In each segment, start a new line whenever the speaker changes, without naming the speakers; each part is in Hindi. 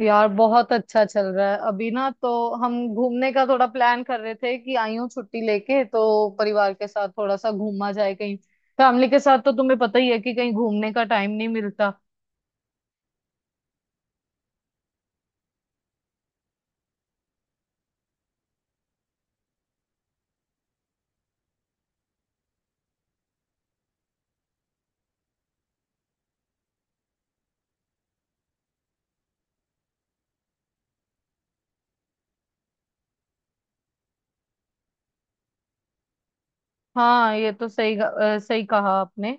यार, बहुत अच्छा चल रहा है। अभी ना तो हम घूमने का थोड़ा प्लान कर रहे थे कि आई हूँ छुट्टी लेके, तो परिवार के साथ थोड़ा सा घूमा जाए कहीं। फैमिली के साथ तो तुम्हें पता ही है कि कहीं घूमने का टाइम नहीं मिलता। हाँ, ये तो सही, सही कहा आपने।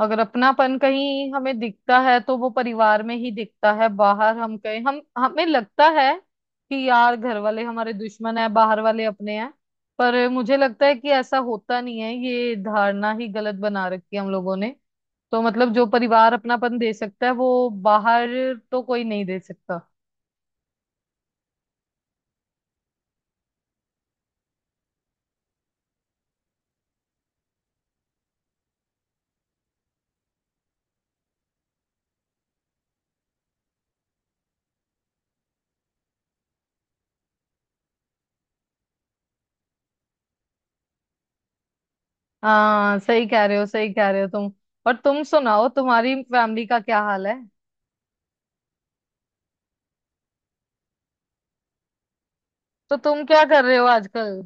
अगर अपनापन कहीं हमें दिखता है तो वो परिवार में ही दिखता है। बाहर हम कहीं, हम हमें लगता है कि यार घर वाले हमारे दुश्मन है, बाहर वाले अपने हैं। पर मुझे लगता है कि ऐसा होता नहीं है, ये धारणा ही गलत बना रखी है हम लोगों ने। तो मतलब जो परिवार अपनापन दे सकता है वो बाहर तो कोई नहीं दे सकता। हाँ, सही कह रहे हो, सही कह रहे हो तुम। और तुम सुनाओ, तुम्हारी फैमिली का क्या हाल है? तो तुम क्या कर रहे हो आजकल?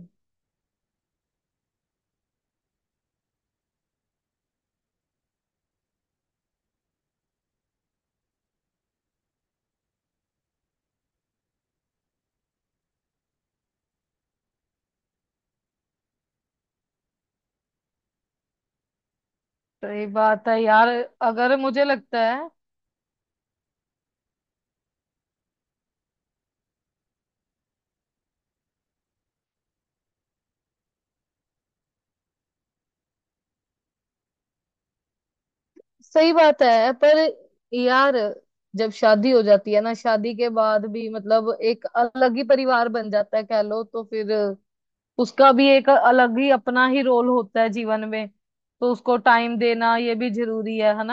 सही बात है यार। अगर मुझे लगता है। सही बात है, पर यार, जब शादी हो जाती है ना, शादी के बाद भी मतलब एक अलग ही परिवार बन जाता है कह लो, तो फिर उसका भी एक अलग ही अपना ही रोल होता है जीवन में, तो उसको टाइम देना ये भी जरूरी है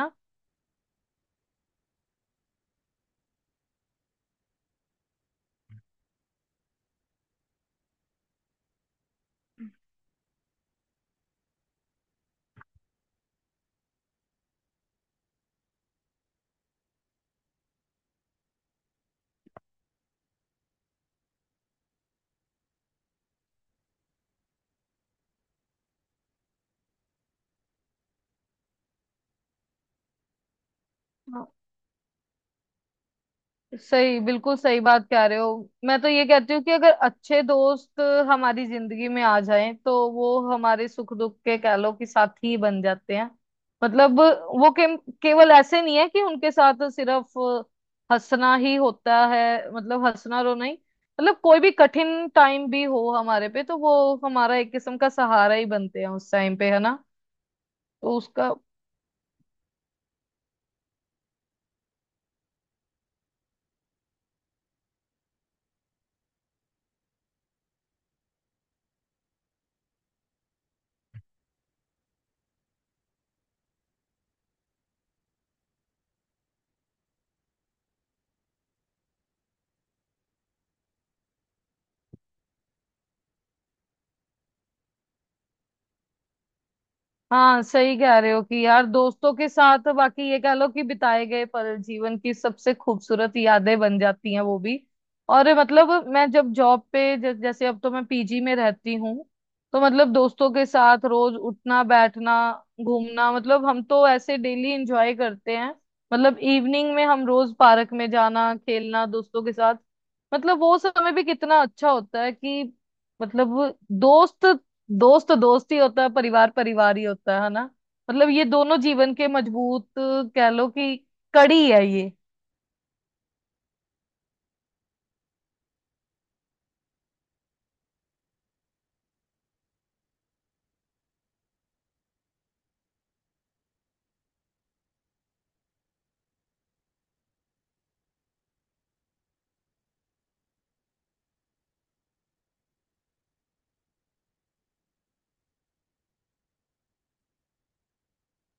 ना? सही, बिल्कुल सही बात कह रहे हो। मैं तो ये कहती हूँ कि अगर अच्छे दोस्त हमारी जिंदगी में आ जाएं तो वो हमारे सुख दुख के कह लो कि साथी बन जाते हैं। मतलब वो केवल ऐसे नहीं है कि उनके साथ सिर्फ हंसना ही होता है। मतलब हंसना रो नहीं, मतलब कोई भी कठिन टाइम भी हो हमारे पे तो वो हमारा एक किस्म का सहारा ही बनते हैं उस टाइम पे, है ना? तो उसका। हाँ, सही कह रहे हो कि यार दोस्तों के साथ बाकी ये कह लो कि बिताए गए पल जीवन की सबसे खूबसूरत यादें बन जाती हैं वो भी। और मतलब मैं जब जॉब पे जैसे अब तो मैं पीजी में रहती हूँ, तो मतलब दोस्तों के साथ रोज उठना बैठना घूमना, मतलब हम तो ऐसे डेली एंजॉय करते हैं। मतलब इवनिंग में हम रोज पार्क में जाना, खेलना, दोस्तों के साथ। मतलब वो समय भी कितना अच्छा होता है कि, मतलब, दोस्त, दोस्त तो दोस्त ही होता है, परिवार परिवार ही होता है ना? मतलब ये दोनों जीवन के मजबूत कह लो कि कड़ी है ये।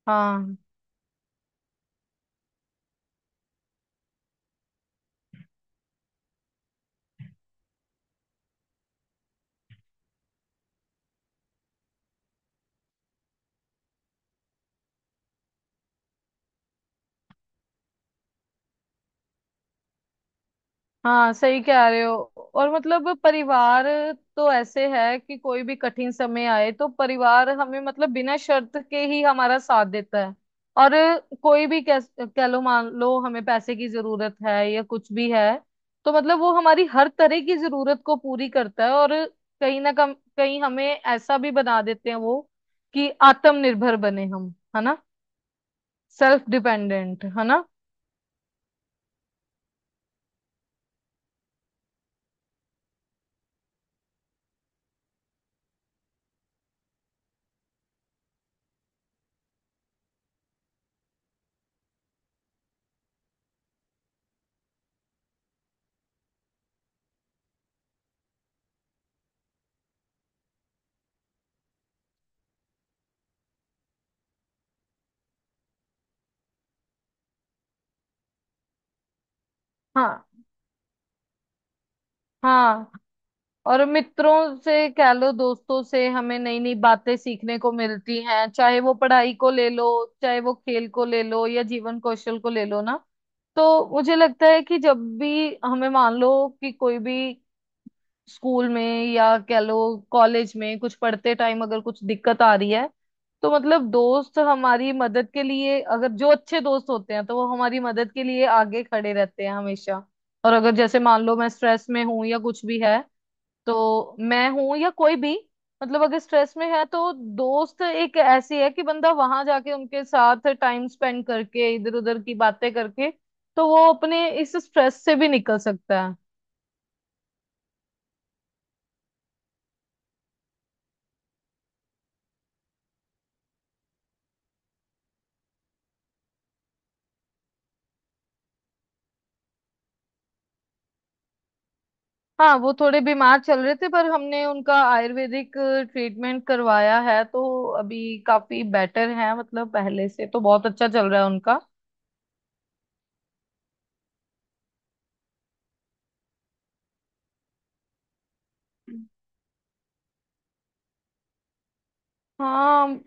हाँ हाँ, सही कह रहे हो। और मतलब परिवार तो ऐसे है कि कोई भी कठिन समय आए तो परिवार हमें मतलब बिना शर्त के ही हमारा साथ देता है। और कोई भी कह लो, मान लो हमें पैसे की जरूरत है या कुछ भी है, तो मतलब वो हमारी हर तरह की जरूरत को पूरी करता है। और कहीं ना कम कहीं हमें ऐसा भी बना देते हैं वो कि आत्मनिर्भर बने हम, है ना? सेल्फ डिपेंडेंट, है ना? हाँ हाँ। और मित्रों से कह लो दोस्तों से हमें नई नई बातें सीखने को मिलती हैं, चाहे वो पढ़ाई को ले लो, चाहे वो खेल को ले लो, या जीवन कौशल को ले लो ना। तो मुझे लगता है कि जब भी हमें, मान लो कि कोई भी स्कूल में या कह लो कॉलेज में कुछ पढ़ते टाइम अगर कुछ दिक्कत आ रही है, तो मतलब दोस्त हमारी मदद के लिए, अगर जो अच्छे दोस्त होते हैं तो वो हमारी मदद के लिए आगे खड़े रहते हैं हमेशा। और अगर जैसे मान लो मैं स्ट्रेस में हूं या कुछ भी है, तो मैं हूं या कोई भी, मतलब अगर स्ट्रेस में है तो दोस्त एक ऐसी है कि बंदा वहां जाके उनके साथ टाइम स्पेंड करके इधर उधर की बातें करके तो वो अपने इस स्ट्रेस से भी निकल सकता है। हाँ, वो थोड़े बीमार चल रहे थे, पर हमने उनका आयुर्वेदिक ट्रीटमेंट करवाया है, तो अभी काफी बेटर है, मतलब पहले से तो बहुत अच्छा चल रहा है उनका। हाँ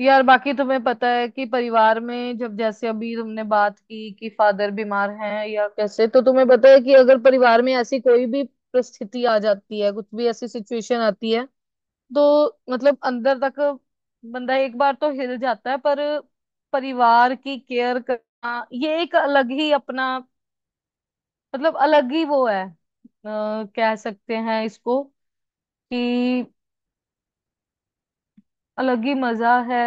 यार, बाकी तुम्हें पता है कि परिवार में जब, जैसे अभी तुमने बात की कि फादर बीमार हैं या कैसे, तो तुम्हें पता है कि अगर परिवार में ऐसी कोई भी परिस्थिति आ जाती है, कुछ भी ऐसी सिचुएशन आती है, तो मतलब अंदर तक बंदा एक बार तो हिल जाता है। पर परिवार की केयर करना ये एक अलग ही अपना, मतलब अलग ही वो है, कह सकते हैं इसको कि अलग ही मजा है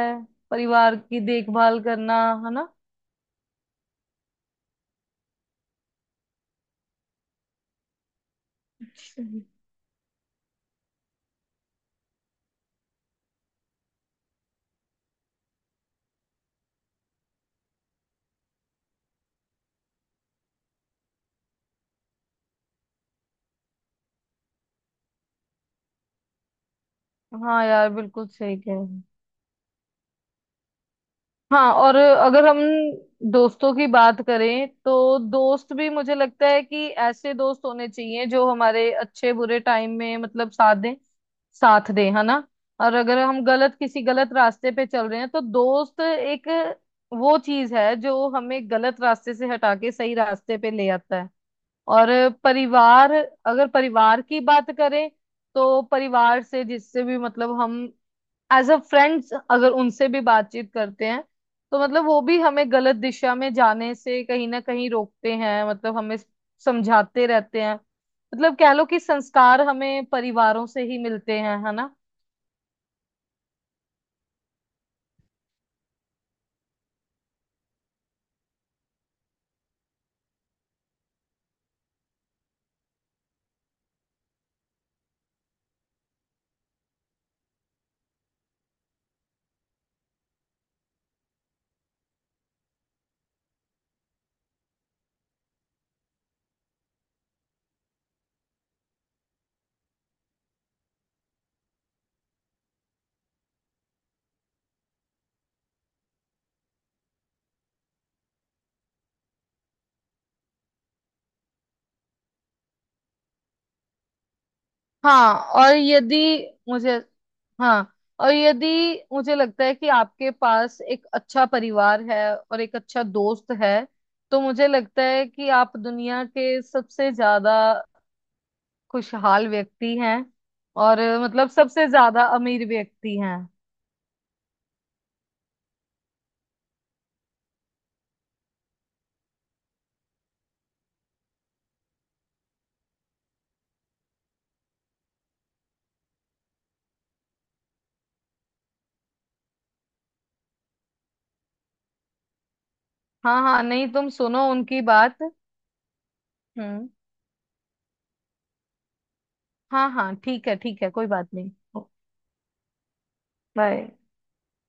परिवार की देखभाल करना, है ना? हाँ यार, बिल्कुल सही कह रहे हैं। हाँ, और अगर हम दोस्तों की बात करें तो दोस्त भी, मुझे लगता है कि ऐसे दोस्त होने चाहिए जो हमारे अच्छे बुरे टाइम में मतलब साथ दें, साथ दें, है ना? और अगर हम गलत किसी गलत रास्ते पे चल रहे हैं तो दोस्त एक वो चीज है जो हमें गलत रास्ते से हटा के सही रास्ते पे ले आता है। और परिवार, अगर परिवार की बात करें तो परिवार से, जिससे भी मतलब हम एज अ फ्रेंड्स अगर उनसे भी बातचीत करते हैं तो मतलब वो भी हमें गलत दिशा में जाने से कहीं ना कहीं रोकते हैं, मतलब हमें समझाते रहते हैं, मतलब कह लो कि संस्कार हमें परिवारों से ही मिलते हैं, है ना? हाँ। और यदि मुझे। हाँ, और यदि मुझे लगता है कि आपके पास एक अच्छा परिवार है और एक अच्छा दोस्त है, तो मुझे लगता है कि आप दुनिया के सबसे ज्यादा खुशहाल व्यक्ति हैं। और मतलब सबसे ज्यादा अमीर व्यक्ति हैं। हाँ हाँ, नहीं, तुम सुनो उनकी बात। हम्म। हाँ हाँ, ठीक है, ठीक है, कोई बात नहीं। बाय।